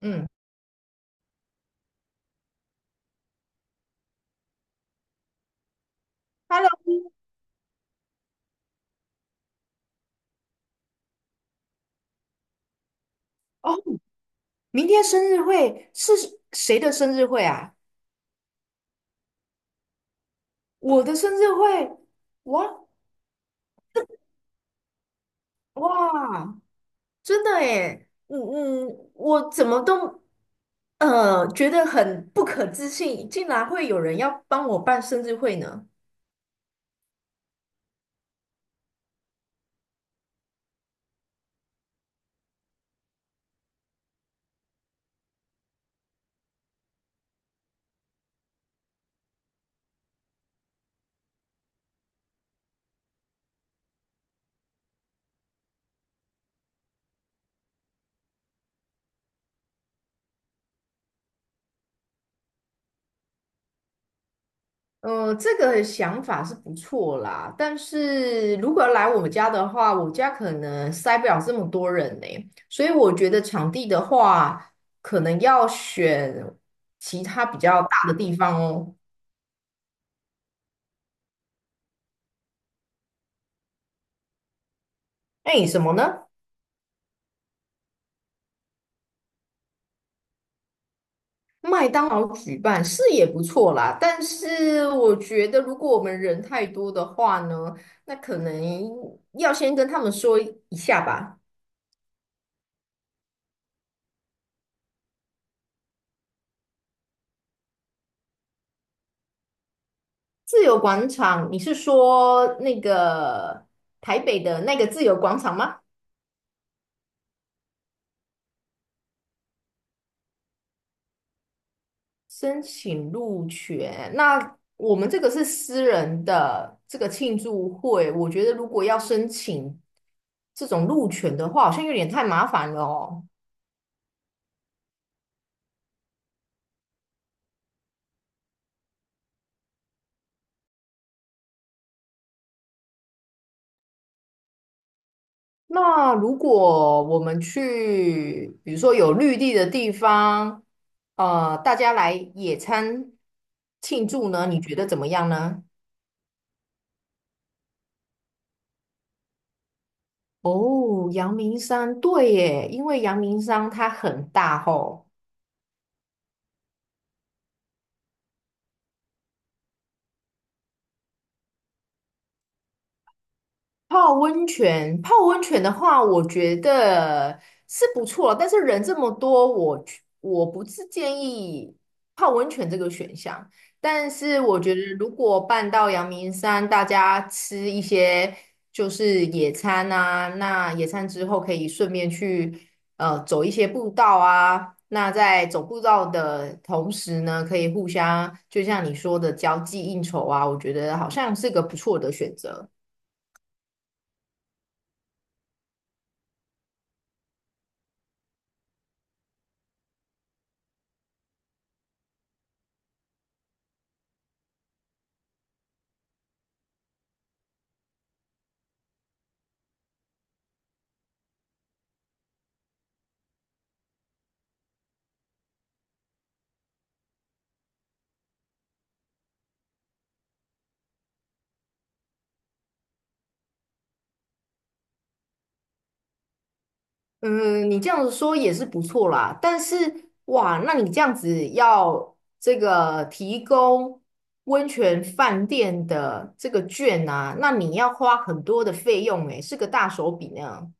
嗯，Hello，哦，明天生日会是谁的生日会啊？我的生日会，哇哇，真的诶，嗯，我怎么都觉得很不可置信，竟然会有人要帮我办生日会呢？这个想法是不错啦，但是如果要来我们家的话，我家可能塞不了这么多人呢、所以我觉得场地的话，可能要选其他比较大的地方哦。哎，什么呢？麦当劳举办是也不错啦，但是我觉得如果我们人太多的话呢，那可能要先跟他们说一下吧。自由广场，你是说那个台北的那个自由广场吗？申请入学，那我们这个是私人的这个庆祝会，我觉得如果要申请这种入权的话，好像有点太麻烦了哦。那如果我们去，比如说有绿地的地方，大家来野餐庆祝呢，你觉得怎么样呢？哦，阳明山，对耶，因为阳明山它很大吼。泡温泉，泡温泉的话，我觉得是不错，但是人这么多，我不是建议泡温泉这个选项。但是我觉得，如果办到阳明山，大家吃一些就是野餐啊，那野餐之后可以顺便去走一些步道啊。那在走步道的同时呢，可以互相就像你说的交际应酬啊，我觉得好像是个不错的选择。嗯，你这样子说也是不错啦，但是哇，那你这样子要这个提供温泉饭店的这个券啊，那你要花很多的费用诶，是个大手笔呢。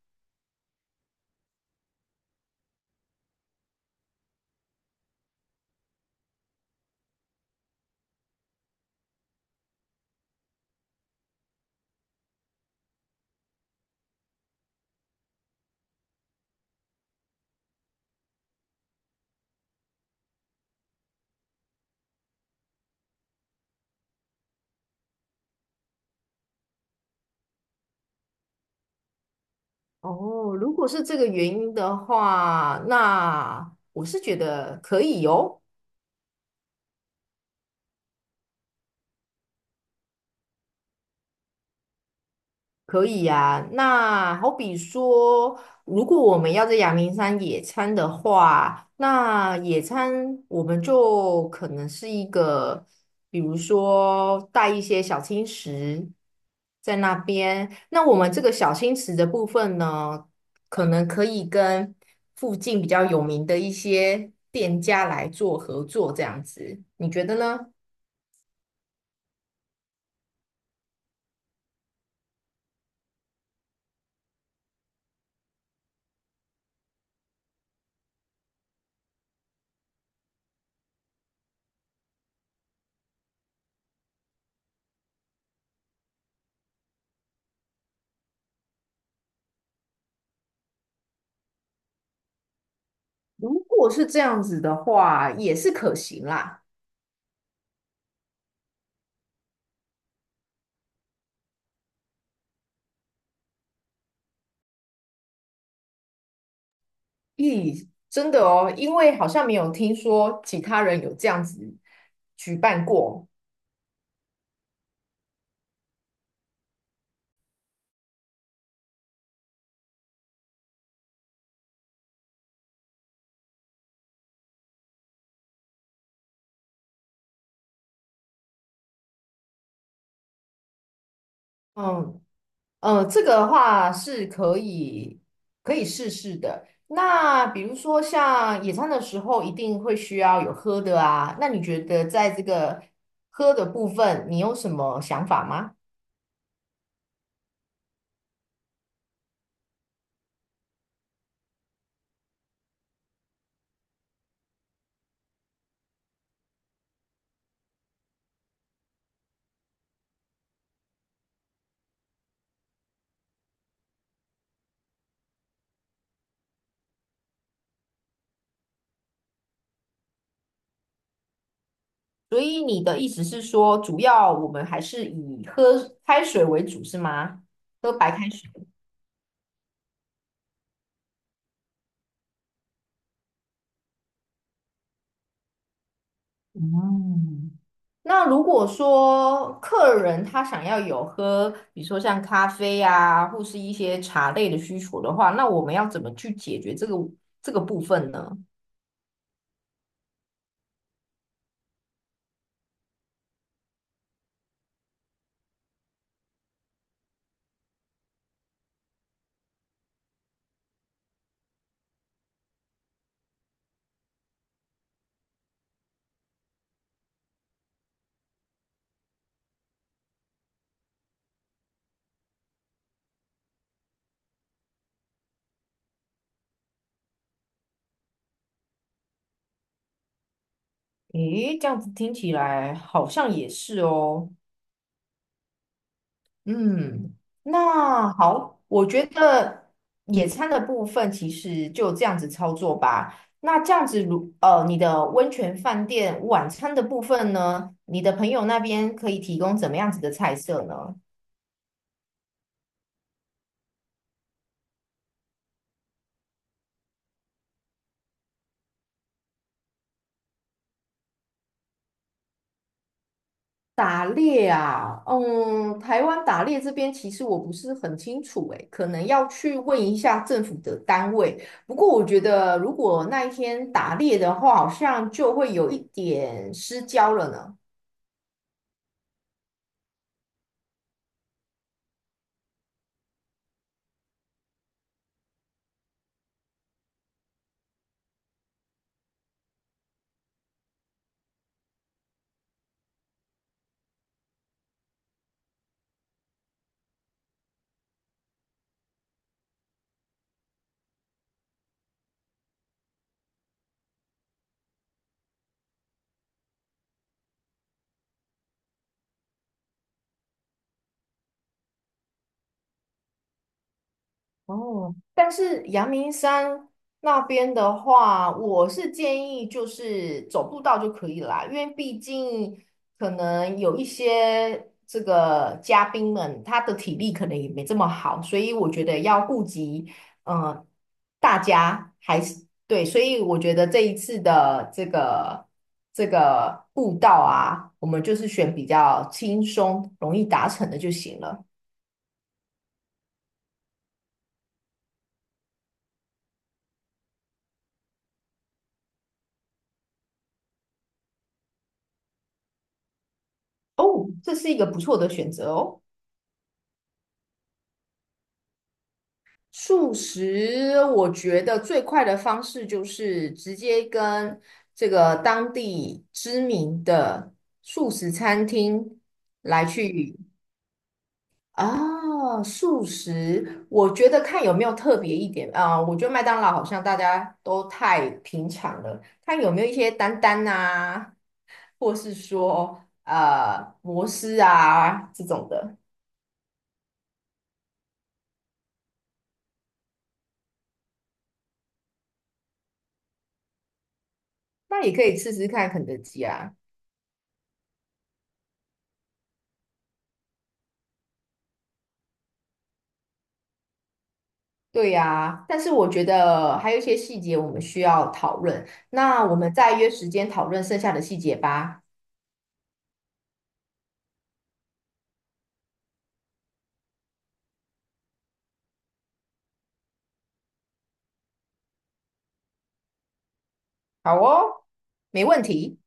哦，如果是这个原因的话，那我是觉得可以哦。可以呀、那好比说，如果我们要在阳明山野餐的话，那野餐我们就可能是一个，比如说带一些小青石在那边。那我们这个小青石的部分呢，可能可以跟附近比较有名的一些店家来做合作，这样子，你觉得呢？如果是这样子的话，也是可行啦。咦，真的哦，因为好像没有听说其他人有这样子举办过。嗯这个的话是可以试试的。那比如说像野餐的时候，一定会需要有喝的啊。那你觉得在这个喝的部分，你有什么想法吗？所以你的意思是说，主要我们还是以喝开水为主，是吗？喝白开水。嗯。那如果说客人他想要有喝，比如说像咖啡啊，或是一些茶类的需求的话，那我们要怎么去解决这个部分呢？诶，这样子听起来好像也是哦。嗯，那好，我觉得野餐的部分其实就这样子操作吧。那这样子如，你的温泉饭店晚餐的部分呢，你的朋友那边可以提供怎么样子的菜色呢？打猎啊，嗯，台湾打猎这边其实我不是很清楚，诶，可能要去问一下政府的单位。不过我觉得，如果那一天打猎的话，好像就会有一点失焦了呢。哦，但是阳明山那边的话，我是建议就是走步道就可以啦，因为毕竟可能有一些这个嘉宾们，他的体力可能也没这么好，所以我觉得要顾及嗯大家还是对，所以我觉得这一次的这个步道啊，我们就是选比较轻松、容易达成的就行了。哦，这是一个不错的选择哦。素食，我觉得最快的方式就是直接跟这个当地知名的素食餐厅来去啊，素食，我觉得看有没有特别一点啊，我觉得麦当劳好像大家都太平常了，看有没有一些丹丹啊，或是说摩斯啊这种的，那也可以试试看肯德基啊。对呀，但是我觉得还有一些细节我们需要讨论，那我们再约时间讨论剩下的细节吧。好哦，没问题。